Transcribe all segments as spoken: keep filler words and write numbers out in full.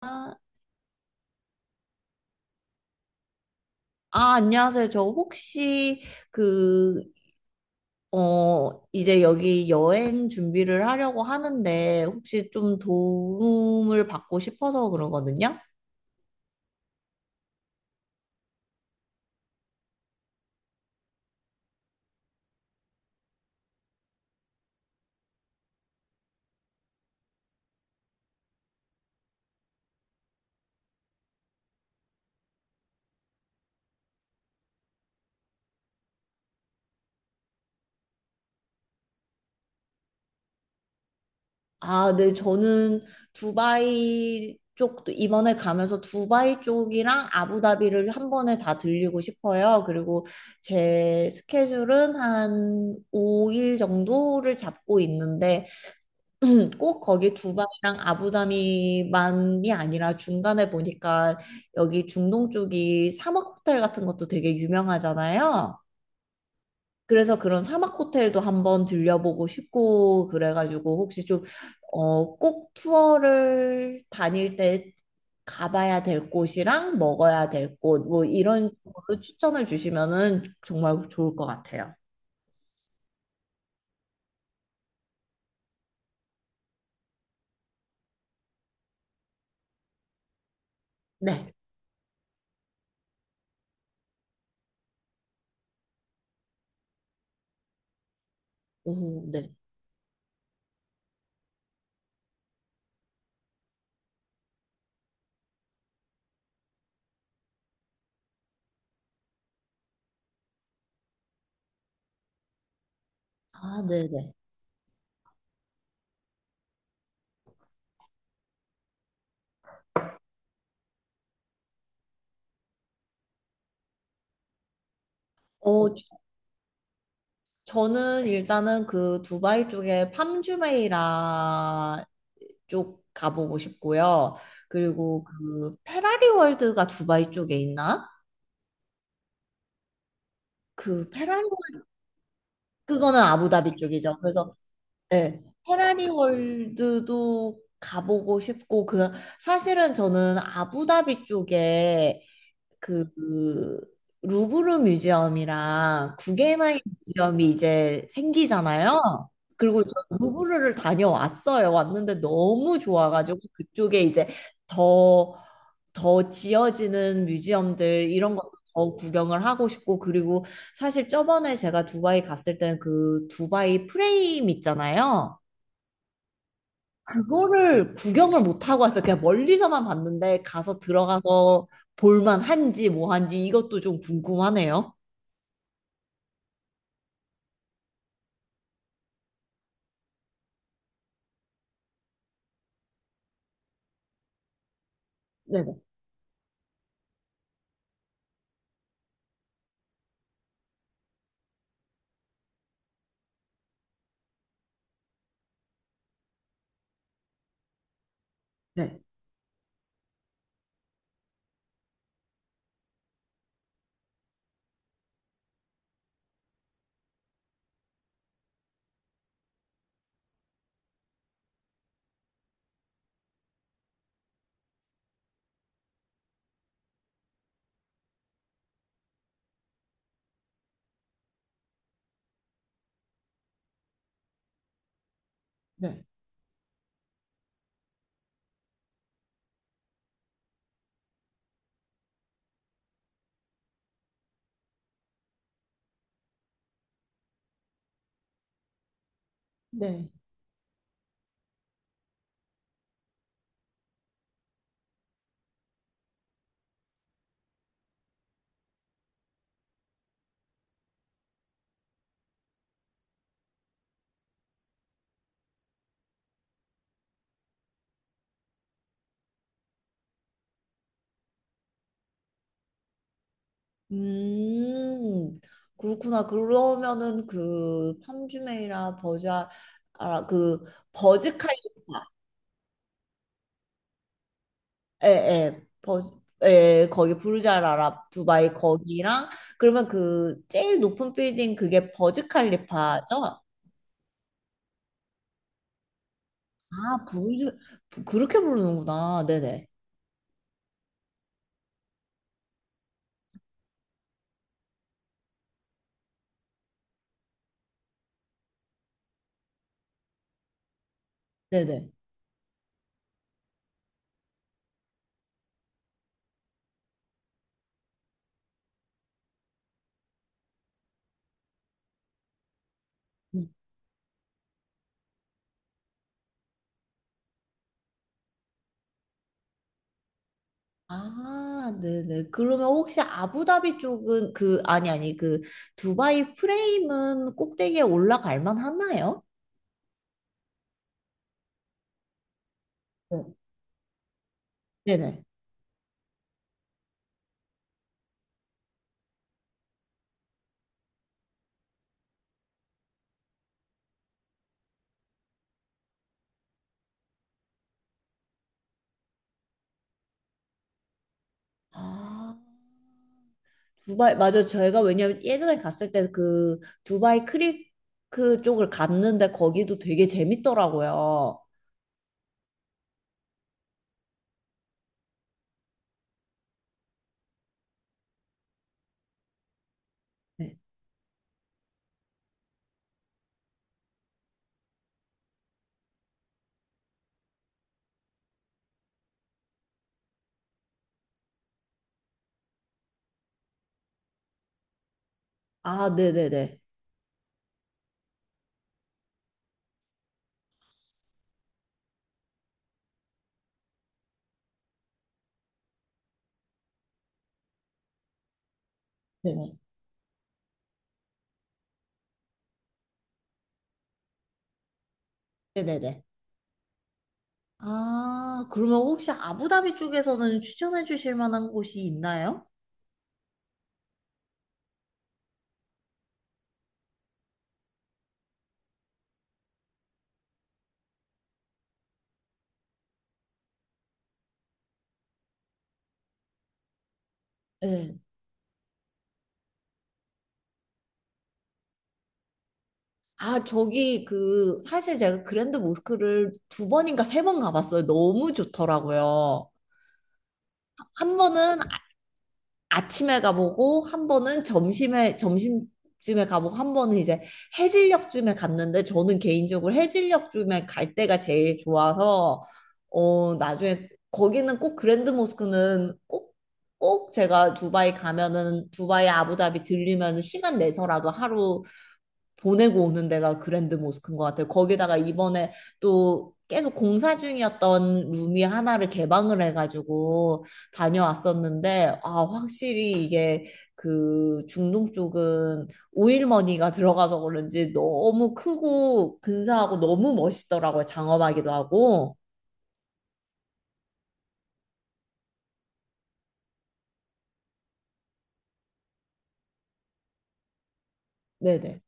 아, 아, 안녕하세요. 저 혹시 그, 어, 이제 여기 여행 준비를 하려고 하는데 혹시 좀 도움을 받고 싶어서 그러거든요. 아, 네. 저는 두바이 쪽도 이번에 가면서 두바이 쪽이랑 아부다비를 한 번에 다 들리고 싶어요. 그리고 제 스케줄은 한 오 일 정도를 잡고 있는데 음, 꼭 거기 두바이랑 아부다비만이 아니라 중간에 보니까 여기 중동 쪽이 사막 호텔 같은 것도 되게 유명하잖아요. 그래서 그런 사막 호텔도 한번 들려보고 싶고 그래가지고 혹시 좀, 어, 꼭 투어를 다닐 때 가봐야 될 곳이랑 먹어야 될 곳, 뭐 이런 식으로 추천을 주시면은 정말 좋을 것 같아요. 네. 오, 네. 아, 네네. 어, 저는 일단은 그 두바이 쪽에 팜주메이라 쪽 가보고 싶고요. 그리고 그 페라리 월드가 두바이 쪽에 있나? 그 페라리 월드 그거는 아부다비 쪽이죠. 그래서 네, 페라리 월드도 가보고 싶고 그 사실은 저는 아부다비 쪽에 그 루브르 뮤지엄이랑 구겐하임 뮤지엄이 이제 생기잖아요. 그리고 저 루브르를 다녀왔어요. 왔는데 너무 좋아가지고 그쪽에 이제 더, 더 지어지는 뮤지엄들 이런 것도 더 구경을 하고 싶고 그리고 사실 저번에 제가 두바이 갔을 때는 그 두바이 프레임 있잖아요. 그거를 구경을 못 하고 왔어요. 그냥 멀리서만 봤는데 가서 들어가서 볼만 한지 뭐 한지 이것도 좀 궁금하네요. 네네. 네. 네. 네. 음. 그렇구나. 그러면은 그 팜주메이라 버자 아, 그 버즈칼리파. 에에. 버즈 에, 거기 부르자라라 두바이 거기랑 그러면 그 제일 높은 빌딩 그게 버즈 칼리파죠? 아, 부르즈 부- 그렇게 부르는구나. 네네. 네네. 음. 아, 네네. 그러면 혹시 아부다비 쪽은 그, 아니, 아니, 그, 두바이 프레임은 꼭대기에 올라갈 만 하나요? 네. 네네. 아, 두바이, 맞아 저희가 왜냐면 예전에 갔을 때 그 두바이 크리크 쪽을 갔는데 거기도 되게 재밌더라고요. 네. 아, 네네네. 네네. 네네네. 아, 그러면 혹시 아부다비 쪽에서는 추천해 주실 만한 곳이 있나요? 네 아, 저기 그 사실 제가 그랜드 모스크를 두 번인가 세 번 가봤어요. 너무 좋더라고요. 한 번은 아- 아침에 가보고 한 번은 점심에 점심쯤에 가보고 한 번은 이제 해질녘쯤에 갔는데 저는 개인적으로 해질녘쯤에 갈 때가 제일 좋아서 어, 나중에 거기는 꼭 그랜드 모스크는 꼭 꼭 제가 두바이 가면은 두바이 아부다비 들리면 시간 내서라도 하루 보내고 오는 데가 그랜드 모스크인 것 같아요. 거기다가 이번에 또 계속 공사 중이었던 룸이 하나를 개방을 해가지고 다녀왔었는데, 아, 확실히 이게 그 중동 쪽은 오일머니가 들어가서 그런지 너무 크고 근사하고 너무 멋있더라고요. 장엄하기도 하고. 네네.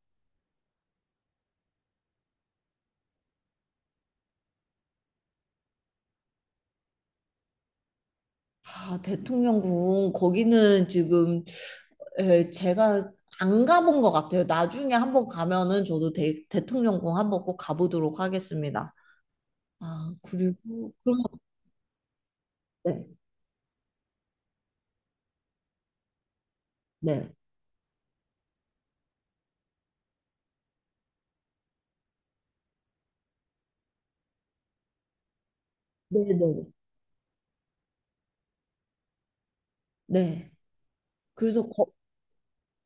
아, 대통령궁 거기는 지금 에, 제가 안 가본 것 같아요. 나중에 한번 가면은 저도 대, 대통령궁 한번 꼭 가보도록 하겠습니다. 아, 그리고 그럼 네, 네, 네, 네, 네. 네. 그래서 거,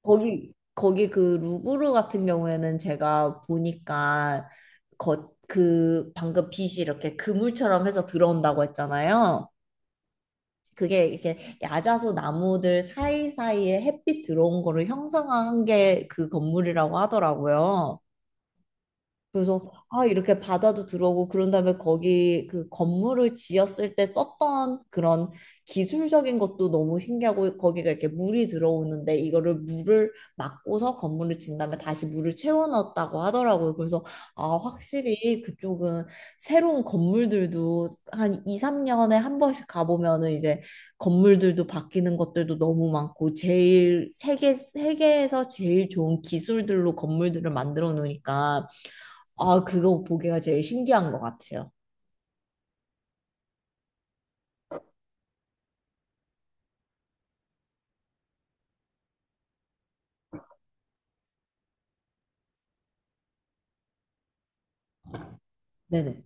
거기 거기 그 루브르 같은 경우에는 제가 보니까 거, 그 방금 빛이 이렇게 그물처럼 해서 들어온다고 했잖아요. 그게 이렇게 야자수 나무들 사이사이에 햇빛 들어온 거를 형상화한 게 그 건물이라고 하더라고요. 그래서 아 이렇게 바다도 들어오고 그런 다음에 거기 그 건물을 지었을 때 썼던 그런 기술적인 것도 너무 신기하고 거기가 이렇게 물이 들어오는데 이거를 물을 막고서 건물을 진 다음에 다시 물을 채워 넣었다고 하더라고요. 그래서 아 확실히 그쪽은 새로운 건물들도 한 이, 삼 년에 한 번씩 가보면은 이제 건물들도 바뀌는 것들도 너무 많고 제일 세계 세계에서 제일 좋은 기술들로 건물들을 만들어 놓으니까 아, 그거 보기가 제일 신기한 것 같아요. 네네.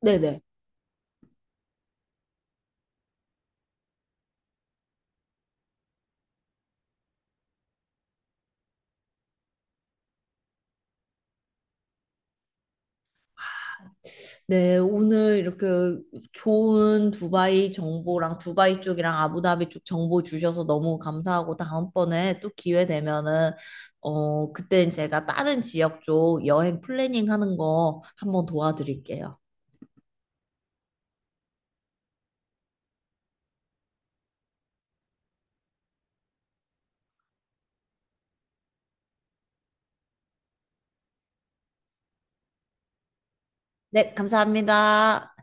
네네. 네, 오늘 이렇게 좋은 두바이 정보랑 두바이 쪽이랑 아부다비 쪽 정보 주셔서 너무 감사하고 다음번에 또 기회 되면은 어, 그땐 제가 다른 지역 쪽 여행 플래닝 하는 거 한번 도와드릴게요. 네, 감사합니다.